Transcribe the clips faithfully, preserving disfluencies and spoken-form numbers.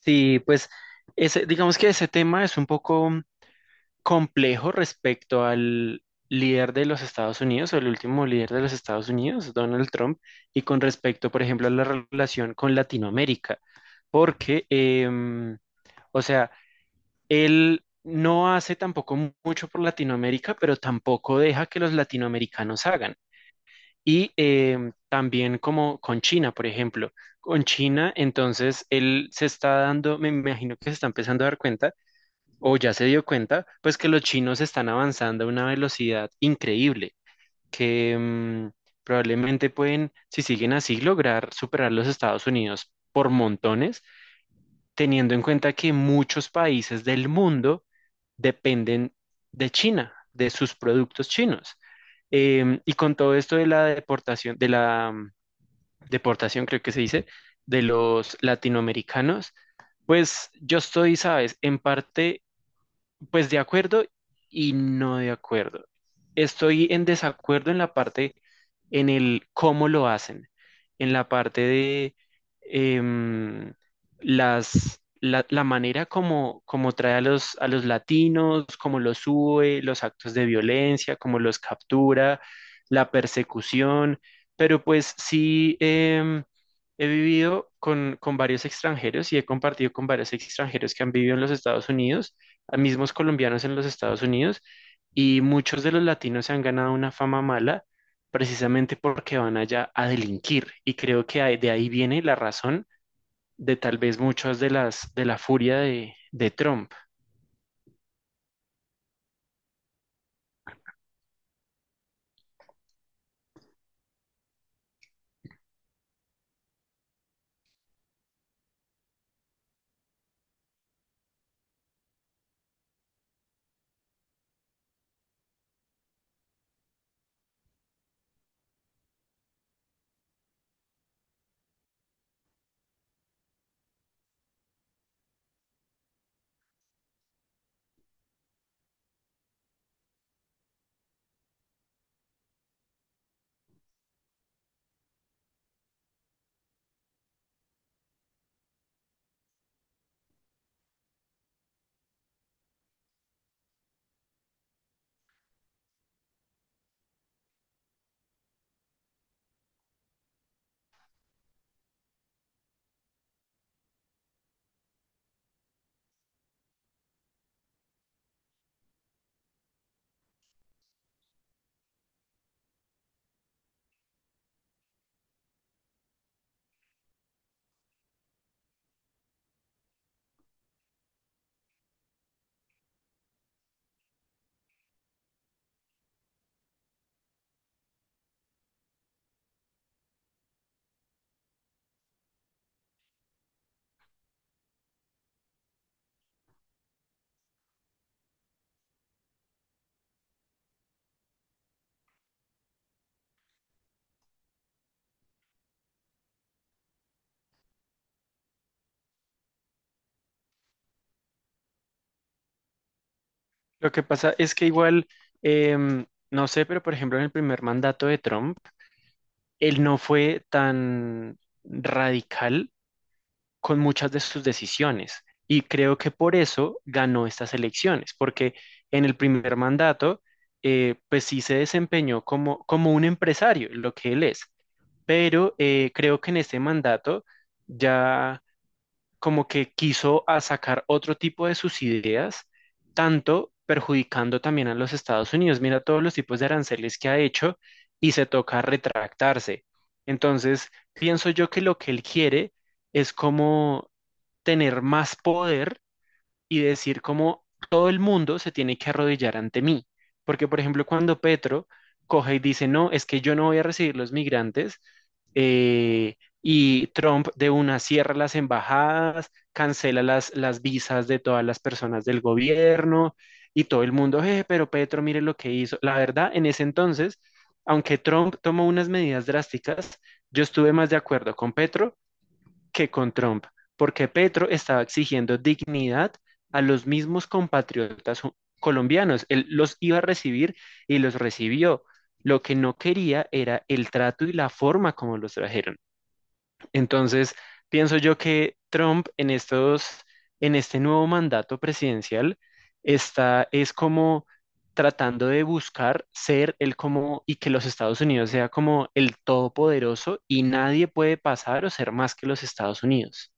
Sí, pues ese, digamos que ese tema es un poco complejo respecto al líder de los Estados Unidos o el último líder de los Estados Unidos, Donald Trump, y con respecto, por ejemplo, a la relación con Latinoamérica, porque, em, o sea, él no hace tampoco mu- mucho por Latinoamérica, pero tampoco deja que los latinoamericanos hagan. Y em, también como con China, por ejemplo. Con China, entonces él se está dando, me imagino que se está empezando a dar cuenta, o ya se dio cuenta, pues que los chinos están avanzando a una velocidad increíble, que em, probablemente pueden, si siguen así, lograr superar los Estados Unidos por montones, teniendo en cuenta que muchos países del mundo dependen de China, de sus productos chinos. Em, y con todo esto de la deportación, de la mm, deportación creo que se dice, de los latinoamericanos, pues yo estoy, sabes, en parte pues de acuerdo y no de acuerdo. Estoy en desacuerdo en la parte, en el cómo lo hacen, en la parte de em, las, la, la manera como, como trae a los, a los latinos, cómo los sube, los actos de violencia, cómo los captura, la persecución. Pero pues sí, em, he vivido con, con varios extranjeros y he compartido con varios extranjeros que han vivido en los Estados Unidos a mismos colombianos en los Estados Unidos y muchos de los latinos se han ganado una fama mala precisamente porque van allá a delinquir y creo que ahí- de ahí viene la razón de tal vez muchas de las de la furia de, de Trump. Lo que pasa es que igual, em, no sé, pero por ejemplo en el primer mandato de Trump, él no fue tan radical con muchas de sus decisiones. Y creo que por eso ganó estas elecciones, porque en el primer mandato, eh, pues sí se desempeñó como, como un empresario, lo que él es. Pero eh, creo que en este mandato ya como que quiso a sacar otro tipo de sus ideas, tanto perjudicando también a los Estados Unidos. Mira todos los tipos de aranceles que ha hecho y se toca retractarse. Entonces, pienso yo que lo que él quiere es como tener más poder y decir como todo el mundo se tiene que arrodillar ante mí. Porque, por ejemplo, cuando Petro coge y dice, no, es que yo no voy a recibir los migrantes, eh, y Trump de una cierra las embajadas, cancela las, las visas de todas las personas del gobierno y todo el mundo, "Eh, pero Petro, mire lo que hizo". La verdad, en ese entonces, aunque Trump tomó unas medidas drásticas, yo estuve más de acuerdo con Petro que con Trump, porque Petro estaba exigiendo dignidad a los mismos compatriotas colombianos. Él los iba a recibir y los recibió. Lo que no quería era el trato y la forma como los trajeron. Entonces, pienso yo que Trump en estos, en este nuevo mandato presidencial está, es como tratando de buscar ser el como y que los Estados Unidos sea como el todopoderoso y nadie puede pasar o ser más que los Estados Unidos.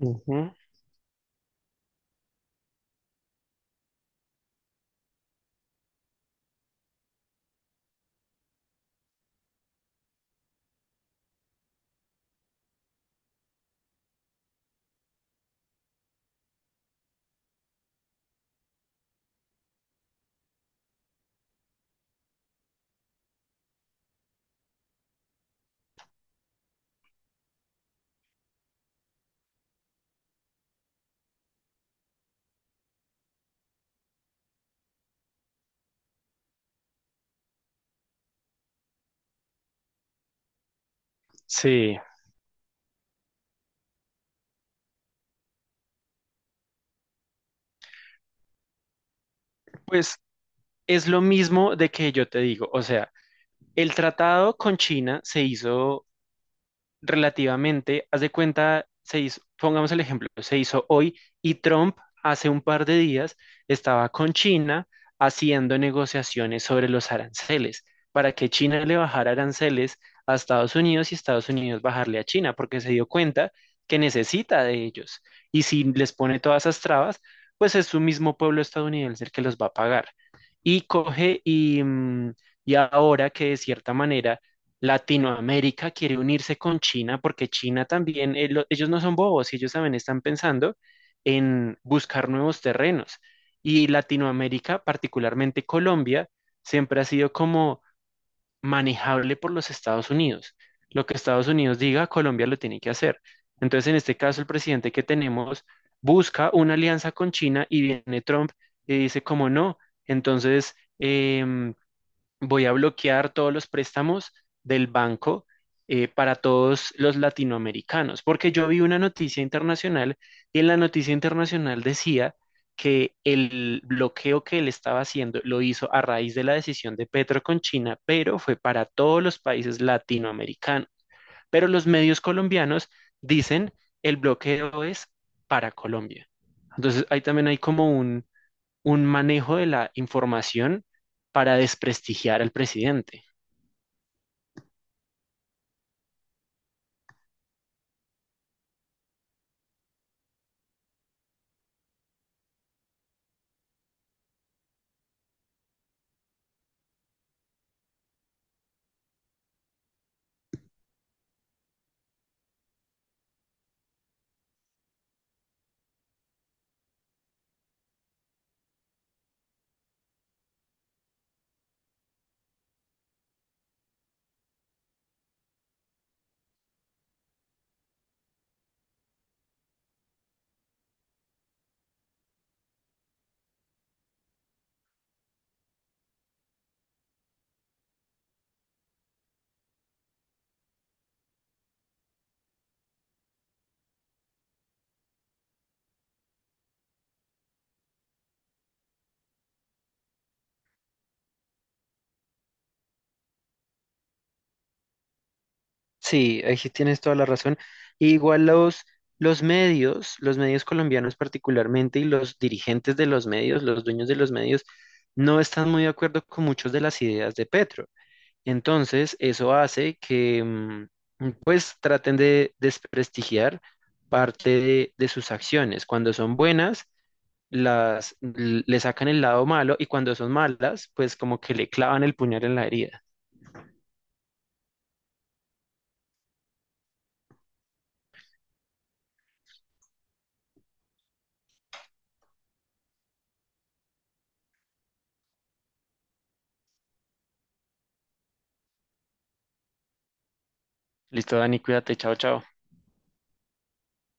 Ujú. Sí, pues es lo mismo de que yo te digo, o sea, el tratado con China se hizo relativamente, haz de cuenta, se hizo, pongamos el ejemplo, se hizo hoy y Trump hace un par de días estaba con China haciendo negociaciones sobre los aranceles para que China le bajara aranceles a Estados Unidos y Estados Unidos bajarle a China, porque se dio cuenta que necesita de ellos. Y si les pone todas esas trabas, pues es su mismo pueblo estadounidense el que los va a pagar. Y coge y, mm, y ahora que de cierta manera Latinoamérica quiere unirse con China porque China también, eh, lo- ellos no son bobos, ellos también están pensando en buscar nuevos terrenos. Y Latinoamérica, particularmente Colombia, siempre ha sido como manejable por los Estados Unidos. Lo que Estados Unidos diga, Colombia lo tiene que hacer. Entonces, en este caso, el presidente que tenemos busca una alianza con China y viene Trump y dice, como no, entonces... em, voy a bloquear todos los préstamos del banco eh, para todos los latinoamericanos, porque yo vi una noticia internacional y en la noticia internacional decía que el bloqueo que él estaba haciendo lo hizo a raíz de la decisión de Petro con China, pero fue para todos los países latinoamericanos. Pero los medios colombianos dicen el bloqueo es para Colombia. Entonces ahí también hay como un un manejo de la información para desprestigiar al presidente. Sí, ahí sí tienes toda la razón. Y igual los, los medios, los medios colombianos particularmente y los dirigentes de los medios, los dueños de los medios, no están muy de acuerdo con muchas de las ideas de Petro. Entonces, eso hace que mm, pues traten de desprestigiar parte de, de sus acciones. Cuando son buenas, las, le sacan el lado malo y cuando son malas, pues como que le clavan el puñal en la herida. Listo, Dani, cuídate, chao, chao.